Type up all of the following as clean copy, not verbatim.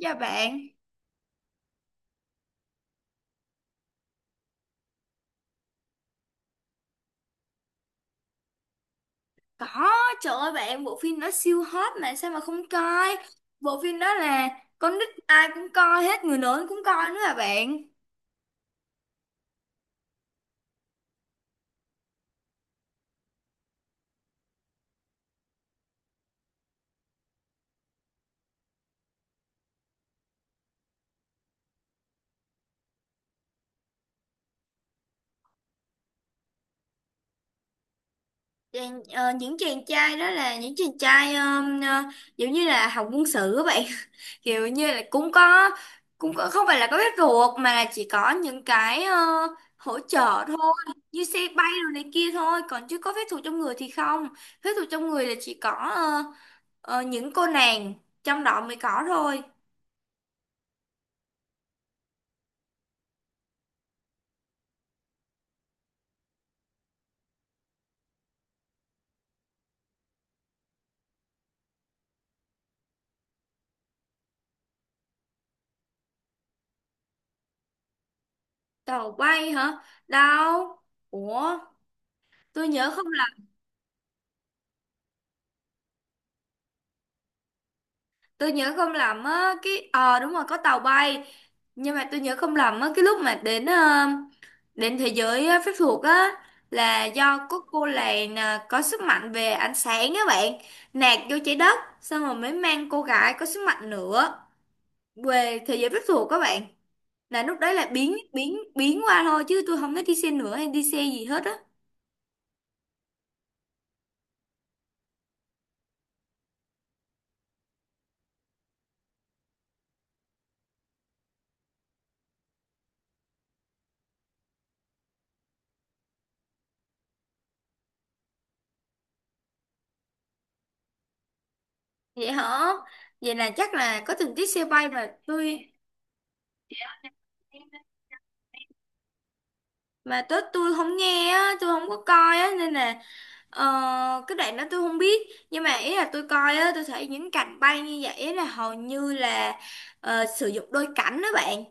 Dạ bạn, có, trời ơi bạn, bộ phim đó siêu hot mà sao mà không coi. Bộ phim đó là con nít ai cũng coi hết, người lớn cũng coi nữa là bạn. Những chàng trai đó là những chàng trai giống như là học quân sự các bạn. Kiểu như là cũng có, không phải là có bếp ruột mà là chỉ có những cái hỗ trợ thôi, như xe bay rồi này kia thôi, còn chứ có phép thuật trong người thì không. Phép thuật trong người là chỉ có những cô nàng trong đó mới có thôi. Tàu bay hả? Đâu. Ủa, tôi nhớ không, tôi nhớ không lầm á, cái đúng rồi, có tàu bay. Nhưng mà tôi nhớ không lầm á, cái lúc mà đến đến thế giới phép thuật á là do có cô làng à, có sức mạnh về ánh sáng á bạn, nạt vô trái đất xong rồi mới mang cô gái có sức mạnh nữa về thế giới phép thuật các bạn. Là lúc đấy là biến biến biến qua thôi chứ tôi không thấy đi xe nữa hay đi xe gì hết á. Vậy hả? Vậy là chắc là có tình tiết xe bay mà tôi, mà tớ tôi không nghe á, tôi không có coi á nên là, Ờ, cái đoạn đó tôi không biết, nhưng mà ý là tôi coi á, tôi thấy những cành bay như vậy là hầu như là sử dụng đôi cánh đó bạn.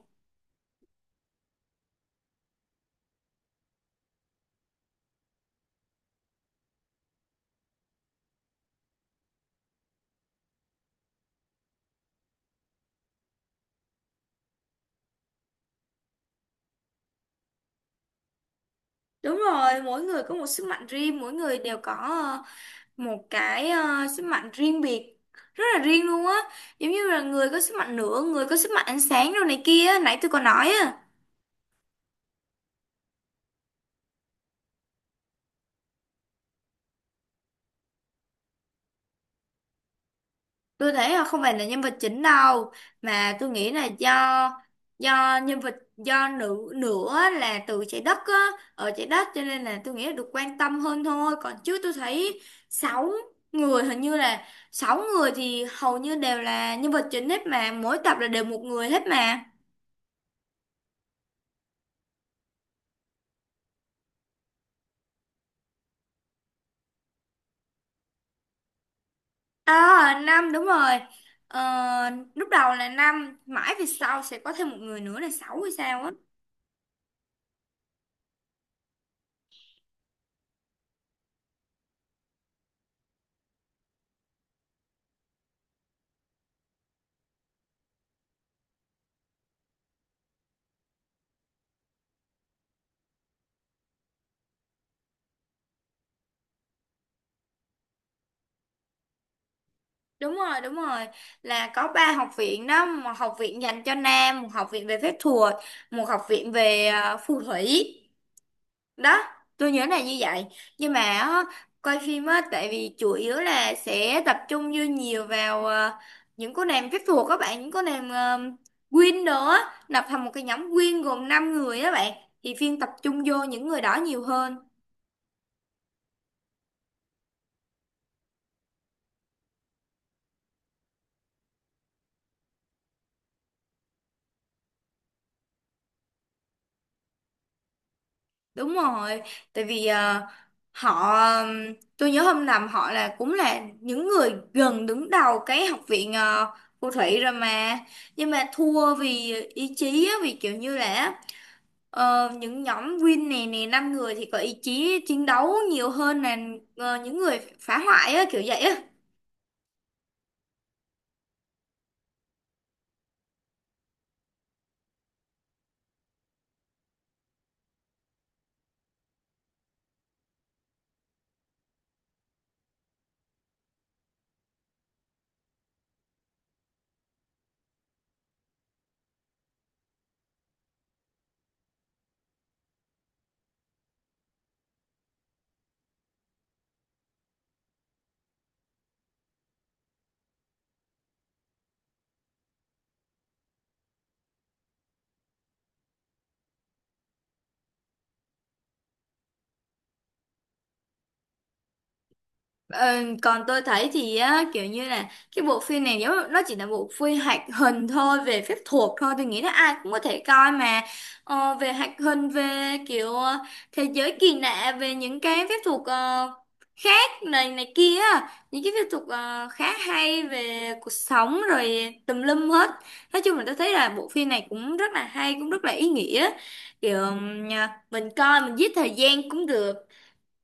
Đúng rồi, mỗi người có một sức mạnh riêng, mỗi người đều có một cái sức mạnh riêng biệt, rất là riêng luôn á, giống như là người có sức mạnh lửa, người có sức mạnh ánh sáng đồ này kia á, nãy tôi có nói á. Tôi thấy là không phải là nhân vật chính đâu, mà tôi nghĩ là do nhân vật, do nữ nữa là từ trái đất á, ở trái đất cho nên là tôi nghĩ là được quan tâm hơn thôi, còn chứ tôi thấy sáu người, hình như là sáu người thì hầu như đều là nhân vật chính hết mà, mỗi tập là đều một người hết mà. À, năm, đúng rồi, ờ, lúc đầu là năm, mãi về sau sẽ có thêm một người nữa là sáu hay sao á. Đúng rồi, đúng rồi. Là có ba học viện đó, một học viện dành cho nam, một học viện về phép thuật, một học viện về phù thủy. Đó, tôi nhớ là như vậy. Nhưng mà á, coi phim á tại vì chủ yếu là sẽ tập trung vô nhiều vào những cô nàng phép thuật các bạn, những cô nàng Queen nữa, lập thành một cái nhóm Queen gồm 5 người đó bạn. Thì phim tập trung vô những người đó nhiều hơn. Đúng rồi, tại vì họ tôi nhớ hôm nằm họ là cũng là những người gần đứng đầu cái học viện phù thủy rồi mà, nhưng mà thua vì ý chí á, vì kiểu như là những nhóm Win này nè năm người thì có ý chí chiến đấu nhiều hơn là những người phá hoại á, kiểu vậy á. Ờ, còn tôi thấy thì á, kiểu như là cái bộ phim này nếu nó chỉ là bộ phim hoạt hình thôi về phép thuật thôi, tôi nghĩ là ai cũng có thể coi mà, về hoạt hình, về kiểu thế giới kỳ lạ về những cái phép thuật khác này này kia á, những cái phép thuật khá hay về cuộc sống rồi tùm lum hết. Nói chung là tôi thấy là bộ phim này cũng rất là hay, cũng rất là ý nghĩa, kiểu mình coi mình giết thời gian cũng được.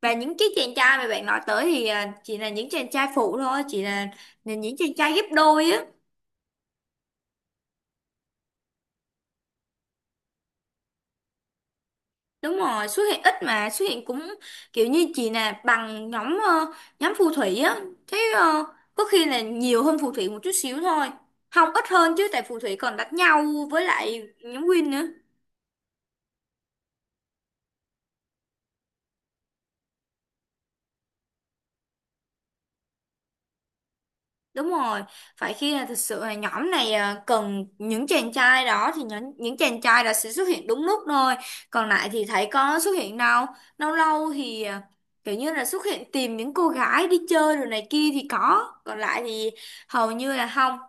Và những cái chàng trai mà bạn nói tới thì à, chỉ là những chàng trai phụ thôi, chỉ là, những chàng trai ghép đôi á. Đúng rồi, xuất hiện ít mà xuất hiện cũng kiểu như chỉ là bằng nhóm nhóm phù thủy á, thế có khi là nhiều hơn phù thủy một chút xíu thôi, không ít hơn chứ, tại phù thủy còn đánh nhau với lại nhóm Win nữa. Đúng rồi, phải khi là thực sự là nhóm này à, cần những chàng trai đó thì những chàng trai đó sẽ xuất hiện đúng lúc thôi. Còn lại thì thấy có xuất hiện đâu. Lâu lâu thì à, kiểu như là xuất hiện tìm những cô gái đi chơi rồi này kia thì có. Còn lại thì hầu như là không.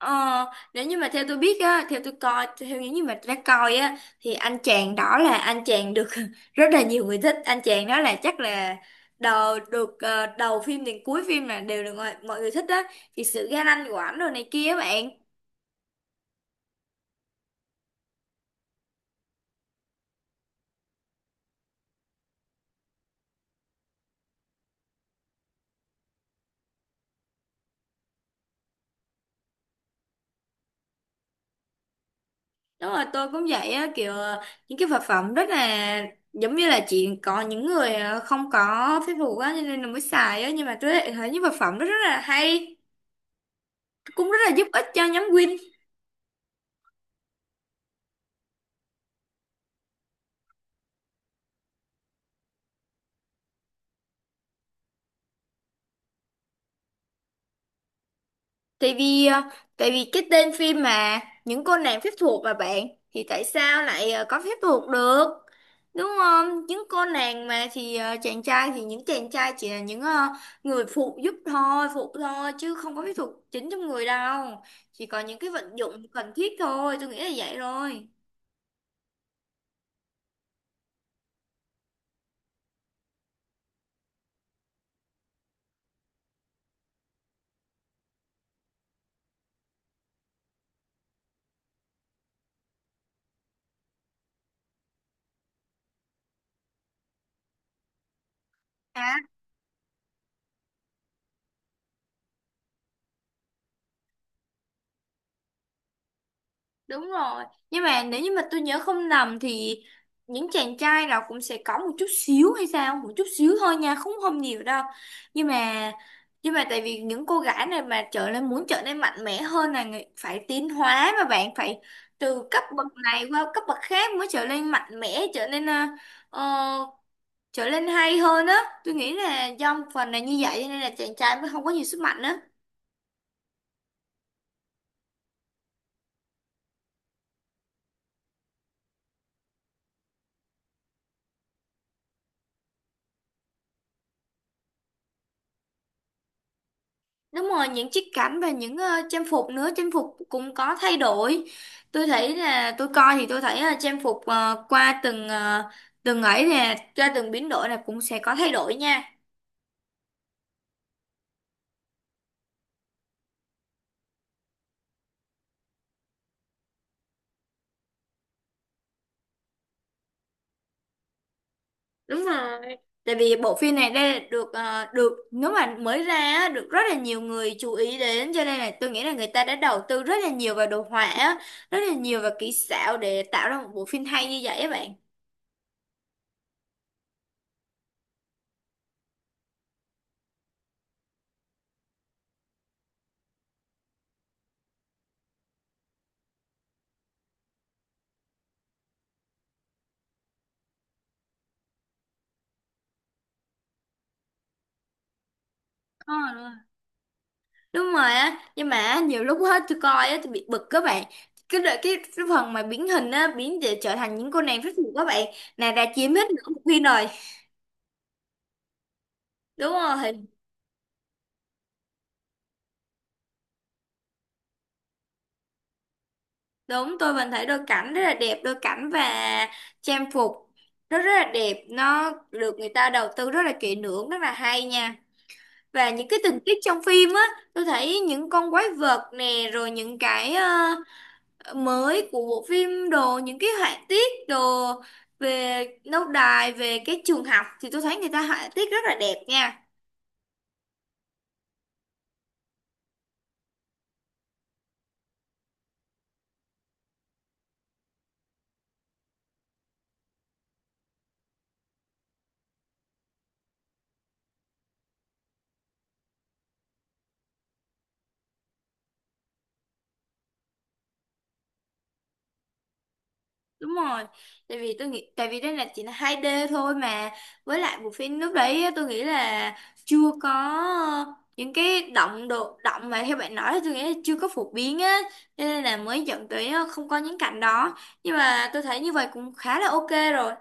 Ờ, nếu như mà theo tôi biết á, theo tôi coi, theo những gì mà tôi đã coi á, thì anh chàng đó là anh chàng được rất là nhiều người thích. Anh chàng đó là chắc là đầu được đầu phim đến cuối phim là đều được mọi người thích á, thì sự ga lăng của ảnh rồi này kia á bạn. Đúng rồi, tôi cũng vậy á, kiểu những cái vật phẩm rất là giống như là chỉ có những người không có phép thuật á, cho nên là mới xài á. Nhưng mà tôi lại thấy những vật phẩm đó rất là hay, cũng rất là giúp ích cho nhóm Win. Tại vì ờ, tại vì cái tên phim mà những cô nàng phép thuật mà bạn, thì tại sao lại có phép thuật được? Đúng không? Những cô nàng mà thì chàng trai, thì những chàng trai chỉ là những người phụ giúp thôi, phụ thôi chứ không có phép thuật chính trong người đâu. Chỉ có những cái vận dụng cần thiết thôi, tôi nghĩ là vậy rồi. À, đúng rồi. Nhưng mà nếu như mà tôi nhớ không nhầm thì những chàng trai nào cũng sẽ có một chút xíu hay sao, một chút xíu thôi nha, không không nhiều đâu. Nhưng mà nhưng mà tại vì những cô gái này mà trở nên muốn trở nên mạnh mẽ hơn là phải tiến hóa mà bạn, phải từ cấp bậc này qua cấp bậc khác mới trở nên mạnh mẽ, trở nên ờ, trở nên hay hơn á. Tôi nghĩ là do một phần là như vậy cho nên là chàng trai mới không có nhiều sức mạnh á. Đúng rồi, những chiếc cảnh và những trang phục nữa, trang phục cũng có thay đổi. Tôi thấy là tôi coi thì tôi thấy là trang phục qua từng từng ấy nè, qua từng biến đổi là cũng sẽ có thay đổi nha. Đúng rồi. Tại vì bộ phim này đây được nếu mà mới ra á, được rất là nhiều người chú ý đến, cho nên là tôi nghĩ là người ta đã đầu tư rất là nhiều vào đồ họa á, rất là nhiều vào kỹ xảo để tạo ra một bộ phim hay như vậy á bạn. Ờ, đúng rồi á, nhưng mà nhiều lúc hết tôi coi á, tôi bị bực các bạn, cái đợi cái, phần mà biến hình á, biến để trở thành những cô nàng rất nhiều các bạn, nàng đã chiếm hết nửa bộ phim rồi. Đúng rồi, đúng tôi vẫn thấy đôi cảnh rất là đẹp, đôi cảnh và trang phục nó rất là đẹp, nó được người ta đầu tư rất là kỹ lưỡng, rất là hay nha. Và những cái tình tiết trong phim á, tôi thấy những con quái vật nè, rồi những cái mới của bộ phim đồ, những cái họa tiết đồ về lâu đài, về cái trường học thì tôi thấy người ta họa tiết rất là đẹp nha. Đúng rồi, tại vì tôi nghĩ tại vì đây là chỉ là 2D thôi mà, với lại bộ phim lúc đấy á, tôi nghĩ là chưa có những cái động độ động mà theo bạn nói, thì tôi nghĩ là chưa có phổ biến á, cho nên là mới dẫn tới không có những cảnh đó. Nhưng mà tôi thấy như vậy cũng khá là ok rồi.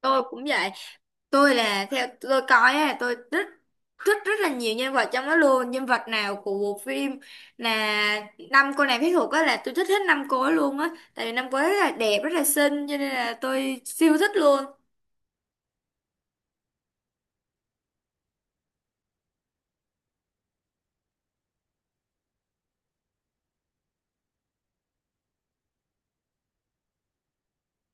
Tôi cũng vậy, tôi là theo tôi coi á, tôi rất rất rất là nhiều nhân vật trong đó luôn, nhân vật nào của bộ phim là năm cô nàng phép thuật á là tôi thích hết năm cô ấy luôn á, tại vì năm cô ấy rất là đẹp, rất là xinh, cho nên là tôi siêu thích luôn.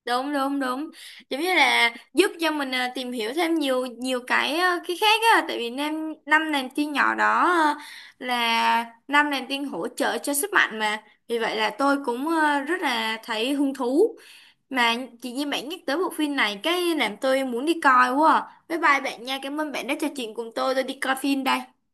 Đúng đúng đúng, giống như là giúp cho mình à, tìm hiểu thêm nhiều nhiều cái à, cái khác á, tại vì năm năm nàng tiên nhỏ đó à, là năm nàng tiên hỗ trợ cho sức mạnh mà, vì vậy là tôi cũng à, rất là thấy hứng thú. Mà chị Nhi bạn nhắc tới bộ phim này cái làm tôi muốn đi coi quá à. Bye bye bạn nha, cảm ơn bạn đã trò chuyện cùng tôi đi coi phim đây.